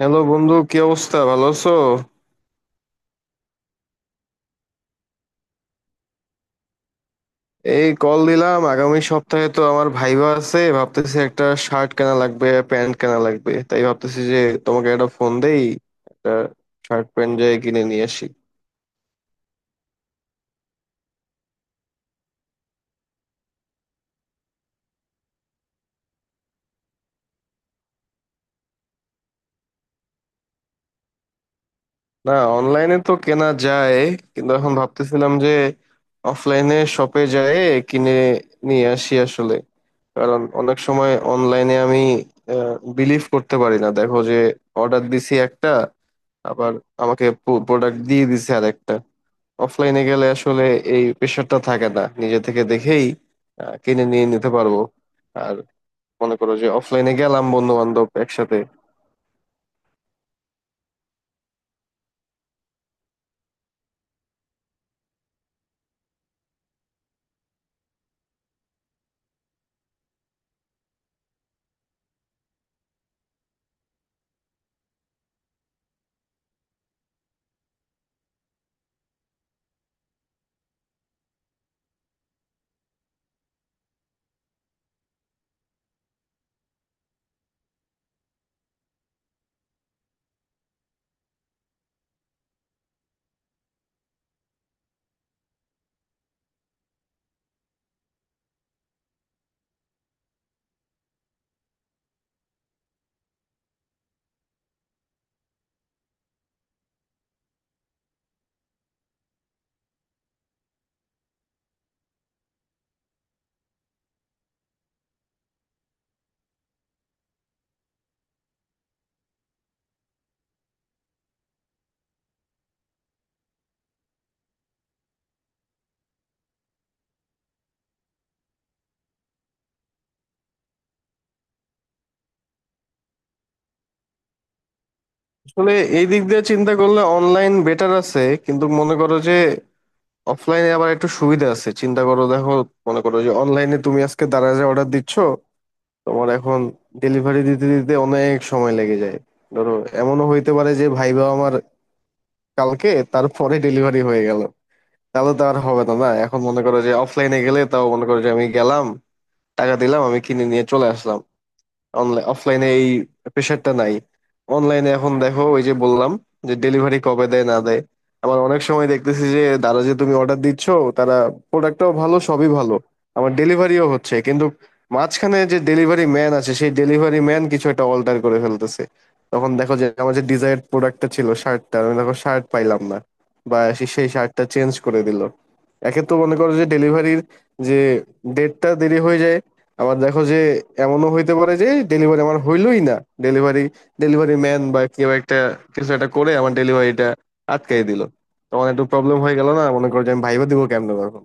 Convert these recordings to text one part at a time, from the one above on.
Hello বন্ধু, কি অবস্থা, ভালো আছো? এই কল দিলাম, আগামী সপ্তাহে তো আমার ভাইবা আছে। ভাবতেছি একটা শার্ট কেনা লাগবে, প্যান্ট কেনা লাগবে। তাই ভাবতেছি যে তোমাকে একটা ফোন দেই, একটা শার্ট প্যান্ট যাই কিনে নিয়ে আসি। না, অনলাইনে তো কেনা যায়, কিন্তু এখন ভাবতেছিলাম যে অফলাইনে শপে যায় কিনে নিয়ে আসি আসলে। কারণ অনেক সময় অনলাইনে আমি বিলিভ করতে পারি না। দেখো যে অর্ডার দিছি একটা, আবার আমাকে প্রোডাক্ট দিয়ে দিছে আর একটা। অফলাইনে গেলে আসলে এই প্রেশারটা থাকে না, নিজে থেকে দেখেই কিনে নিয়ে নিতে পারবো। আর মনে করো যে অফলাইনে গেলাম বন্ধু বান্ধব একসাথে। আসলে এই দিক দিয়ে চিন্তা করলে অনলাইন বেটার আছে, কিন্তু মনে করো যে অফলাইনে আবার একটু সুবিধা আছে। চিন্তা করো দেখো, মনে করো যে অনলাইনে তুমি আজকে দারাজে অর্ডার দিচ্ছ, তোমার এখন ডেলিভারি দিতে দিতে অনেক সময় লেগে যায়। ধরো এমনও হইতে পারে যে ভাইবা আমার কালকে, তারপরে ডেলিভারি হয়ে গেল, তাহলে তো আর হবে না। না, এখন মনে করো যে অফলাইনে গেলে, তাও মনে করো যে আমি গেলাম, টাকা দিলাম, আমি কিনে নিয়ে চলে আসলাম। অনলাইন অফলাইনে এই প্রেশারটা নাই। অনলাইনে এখন দেখো ওই যে বললাম, যে ডেলিভারি কবে দেয় না দেয়। আমার অনেক সময় দেখতেছি যে তারা, যে তুমি অর্ডার দিচ্ছ, তারা প্রোডাক্টটাও ভালো, সবই ভালো, আমার ডেলিভারিও হচ্ছে, কিন্তু মাঝখানে যে ডেলিভারি ম্যান আছে, সেই ডেলিভারি ম্যান কিছু একটা অল্টার করে ফেলতেছে। তখন দেখো যে আমার যে ডিজায়ার্ড প্রোডাক্টটা ছিল শার্টটা, আমি দেখো শার্ট পাইলাম না, বা সেই শার্টটা চেঞ্জ করে দিল। একে তো মনে করো যে ডেলিভারির যে ডেটটা দেরি হয়ে যায়, আবার দেখো যে এমনও হইতে পারে যে ডেলিভারি আমার হইলোই না। ডেলিভারি, ডেলিভারি ম্যান বা কেউ একটা কিছু একটা করে আমার ডেলিভারিটা আটকাই দিল, তখন একটু প্রবলেম হয়ে গেল না? মনে করো যে আমি ভাইবা দিব কেমনে তখন।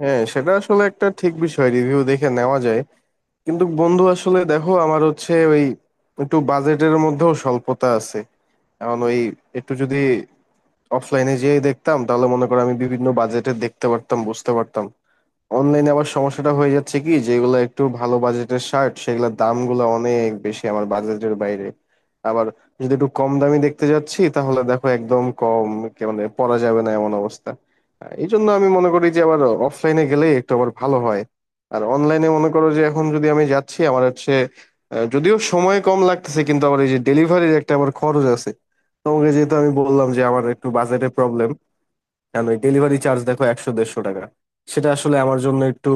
হ্যাঁ, সেটা আসলে একটা ঠিক বিষয়, রিভিউ দেখে নেওয়া যায়। কিন্তু বন্ধু আসলে দেখো, আমার হচ্ছে ওই একটু বাজেটের মধ্যেও স্বল্পতা আছে। এখন ওই একটু যদি অফলাইনে যেয়ে দেখতাম, তাহলে মনে করো আমি বিভিন্ন বাজেটে দেখতে পারতাম, বুঝতে পারতাম। অনলাইনে আবার সমস্যাটা হয়ে যাচ্ছে কি, যেগুলো একটু ভালো বাজেটের শার্ট সেগুলোর দামগুলো অনেক বেশি, আমার বাজেটের বাইরে। আবার যদি একটু কম দামি দেখতে যাচ্ছি, তাহলে দেখো একদম কম, মানে পরা যাবে না এমন অবস্থা। এই জন্য আমি মনে করি যে আবার অফলাইনে গেলেই একটু আবার ভালো হয়। আর অনলাইনে মনে করো যে এখন যদি আমি যাচ্ছি, আমার হচ্ছে যদিও সময় কম লাগতেছে, কিন্তু আবার এই যে ডেলিভারির একটা আবার খরচ আছে। তোমাকে যেহেতু আমি বললাম যে আমার একটু বাজেটের প্রবলেম, কেন ডেলিভারি চার্জ দেখো 100 150 টাকা, সেটা আসলে আমার জন্য একটু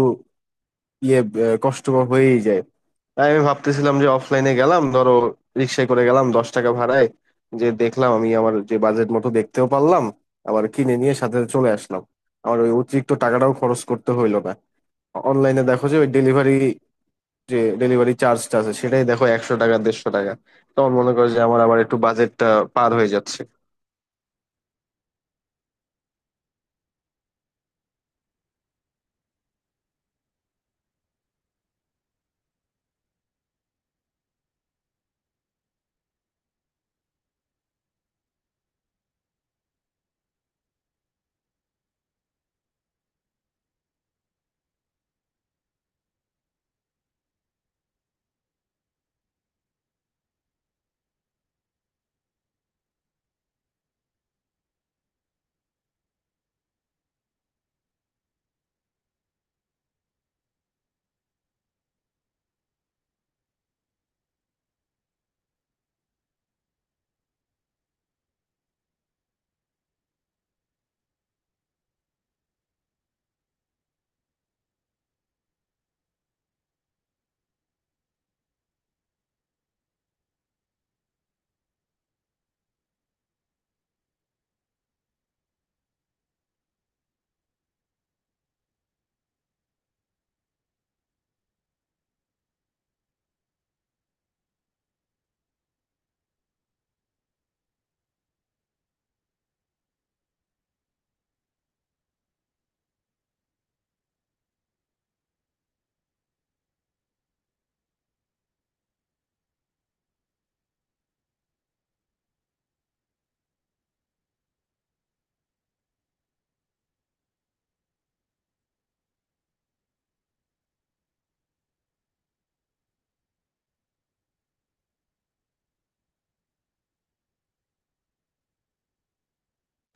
ইয়ে, কষ্টকর হয়েই যায়। তাই আমি ভাবতেছিলাম যে অফলাইনে গেলাম, ধরো রিক্সায় করে গেলাম 10 টাকা ভাড়ায়, যে দেখলাম আমি আমার যে বাজেট মতো, দেখতেও পারলাম, আবার কিনে নিয়ে সাথে সাথে চলে আসলাম। আমার ওই অতিরিক্ত টাকাটাও খরচ করতে হইলো না। অনলাইনে দেখো যে ওই ডেলিভারি, যে ডেলিভারি চার্জটা আছে, সেটাই দেখো 100 টাকা 150 টাকা। তখন মনে করো যে আমার আবার একটু বাজেটটা পার হয়ে যাচ্ছে।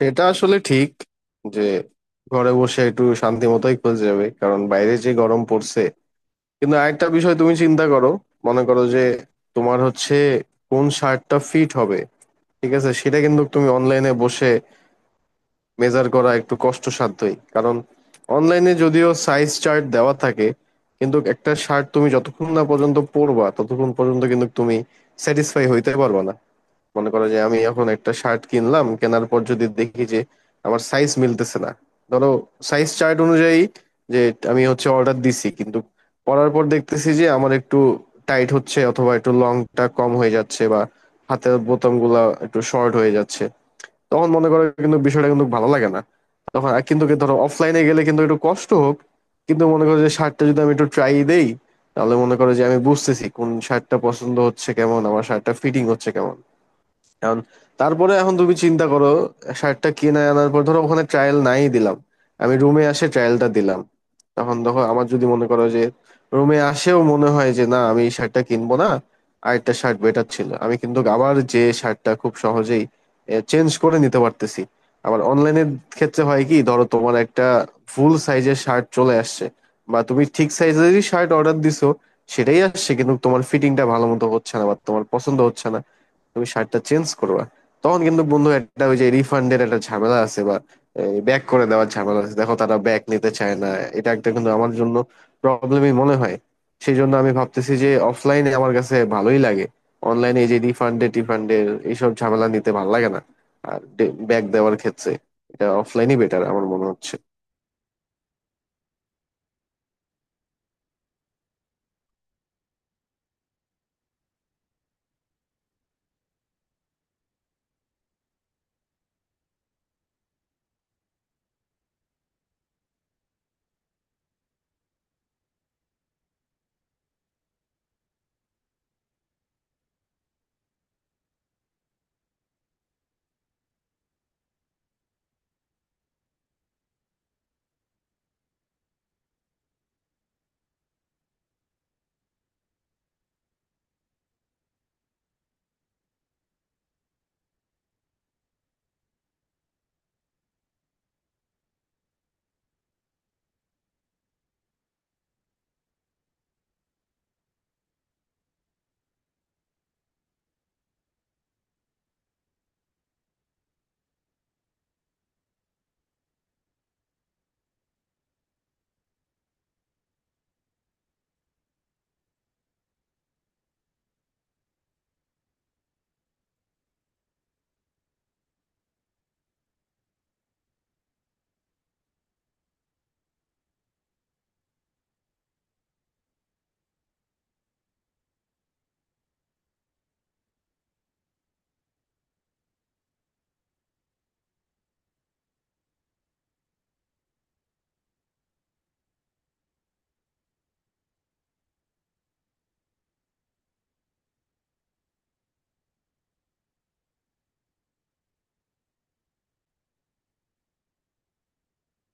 এটা আসলে ঠিক, যে ঘরে বসে একটু শান্তি মতোই খোঁজ যাবে, কারণ বাইরে যে গরম পড়ছে। কিন্তু আরেকটা বিষয় তুমি চিন্তা করো, মনে করো যে তোমার হচ্ছে কোন শার্টটা ফিট হবে, ঠিক আছে, সেটা কিন্তু তুমি অনলাইনে বসে মেজার করা একটু কষ্টসাধ্যই। কারণ অনলাইনে যদিও সাইজ চার্ট দেওয়া থাকে, কিন্তু একটা শার্ট তুমি যতক্ষণ না পর্যন্ত পরবা, ততক্ষণ পর্যন্ত কিন্তু তুমি স্যাটিসফাই হইতে পারবা না। মনে করো যে আমি এখন একটা শার্ট কিনলাম, কেনার পর যদি দেখি যে আমার সাইজ মিলতেছে না, ধরো সাইজ চার্ট অনুযায়ী যে আমি হচ্ছে অর্ডার দিছি, কিন্তু পরার পর দেখতেছি যে আমার একটু টাইট হচ্ছে, অথবা একটু লংটা কম হয়ে যাচ্ছে, বা হাতের বোতাম গুলা একটু শর্ট হয়ে যাচ্ছে, তখন মনে করো কিন্তু বিষয়টা কিন্তু ভালো লাগে না। তখন আর কিন্তু কি, ধরো অফলাইনে গেলে কিন্তু একটু কষ্ট হোক, কিন্তু মনে করো যে শার্টটা যদি আমি একটু ট্রাই দেই, তাহলে মনে করো যে আমি বুঝতেছি কোন শার্টটা পছন্দ হচ্ছে কেমন, আমার শার্টটা ফিটিং হচ্ছে কেমন। এখন তারপরে এখন তুমি চিন্তা করো, শার্টটা কিনে আনার পর ধরো ওখানে ট্রায়াল নাই দিলাম, আমি রুমে আসে ট্রায়ালটা দিলাম, তখন দেখো আমার যদি মনে করো যে রুমে আসেও মনে হয় যে না আমি এই শার্টটা কিনবো না, আরেকটা শার্ট বেটার ছিল, আমি কিন্তু আবার যে শার্টটা খুব সহজেই চেঞ্জ করে নিতে পারতেছি। আবার অনলাইনের ক্ষেত্রে হয় কি, ধরো তোমার একটা ফুল সাইজের শার্ট চলে আসছে, বা তুমি ঠিক সাইজেরই শার্ট অর্ডার দিছো, সেটাই আসছে, কিন্তু তোমার ফিটিংটা ভালো মতো হচ্ছে না বা তোমার পছন্দ হচ্ছে না, তুমি শার্টটা চেঞ্জ করবা, তখন কিন্তু বন্ধু একটা ওই যে রিফান্ডের একটা ঝামেলা আছে, বা ব্যাক করে দেওয়ার ঝামেলা আছে, দেখো তারা ব্যাক নিতে চায় না। এটা একটা কিন্তু আমার জন্য প্রবলেমই মনে হয়। সেই জন্য আমি ভাবতেছি যে অফলাইনে আমার কাছে ভালোই লাগে, অনলাইনে এই যে রিফান্ডে টিফান্ডের এইসব ঝামেলা নিতে ভালো লাগে না। আর ব্যাক দেওয়ার ক্ষেত্রে এটা অফলাইনই বেটার আমার মনে হচ্ছে।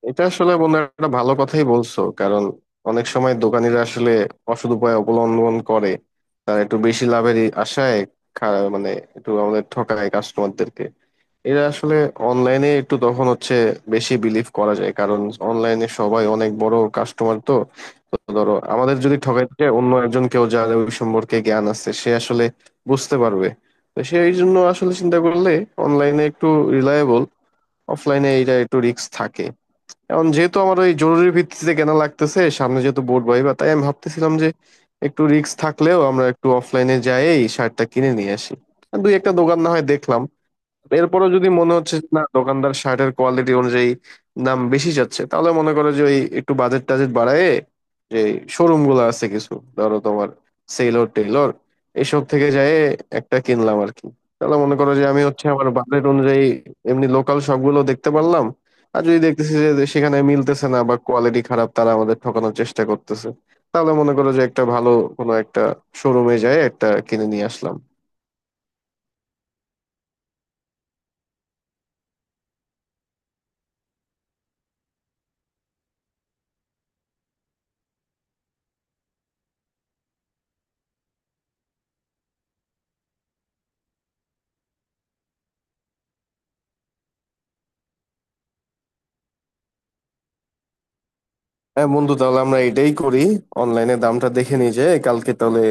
এটা আসলে বন্ধু একটা ভালো কথাই বলছো, কারণ অনেক সময় দোকানিরা আসলে অসৎ উপায় অবলম্বন করে, তারা একটু বেশি লাভের আশায় মানে একটু আমাদের ঠকায় কাস্টমারদেরকে। এরা আসলে অনলাইনে একটু তখন হচ্ছে বেশি বিলিভ করা যায়, কারণ অনলাইনে সবাই অনেক বড় কাস্টমার তো। তো ধরো আমাদের যদি ঠকাইতে যায়, অন্য একজন কেউ যার ওই সম্পর্কে জ্ঞান আছে সে আসলে বুঝতে পারবে। তো সেই জন্য আসলে চিন্তা করলে অনলাইনে একটু রিলায়েবল, অফলাইনে এটা একটু রিস্ক থাকে। এখন যেহেতু আমার ওই জরুরি ভিত্তিতে কেনা লাগতেছে, সামনে যেহেতু বোর্ড ভাইবা, তাই আমি ভাবতেছিলাম যে একটু রিস্ক থাকলেও আমরা একটু অফলাইনে যাই, শার্টটা কিনে নিয়ে আসি। আর দুই একটা দোকান না হয় দেখলাম, এরপরও যদি মনে হচ্ছে যে না দোকানদার শার্টের কোয়ালিটি অনুযায়ী দাম বেশি চাচ্ছে, তাহলে মনে করো যে ওই একটু বাজেট টাজেট বাড়ায়, যে শোরুম গুলো আছে কিছু, ধরো তোমার সেলর টেলর এসব থেকে যায় একটা কিনলাম আর কি। তাহলে মনে করো যে আমি হচ্ছে আমার বাজেট অনুযায়ী এমনি লোকাল শপগুলো দেখতে পারলাম। আর যদি দেখতেছি যে সেখানে মিলতেছে না বা কোয়ালিটি খারাপ, তারা আমাদের ঠকানোর চেষ্টা করতেছে, তাহলে মনে করো যে একটা ভালো কোনো একটা শোরুমে যায় একটা কিনে নিয়ে আসলাম। হ্যাঁ বন্ধু, তাহলে আমরা এটাই করি, অনলাইনে দামটা দেখে নিয়ে যাই কালকে, তাহলে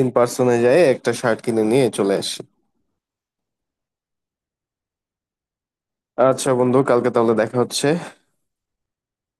ইন পার্সনে যাই একটা শার্ট কিনে নিয়ে চলে আসি। আচ্ছা বন্ধু, কালকে তাহলে দেখা হচ্ছে।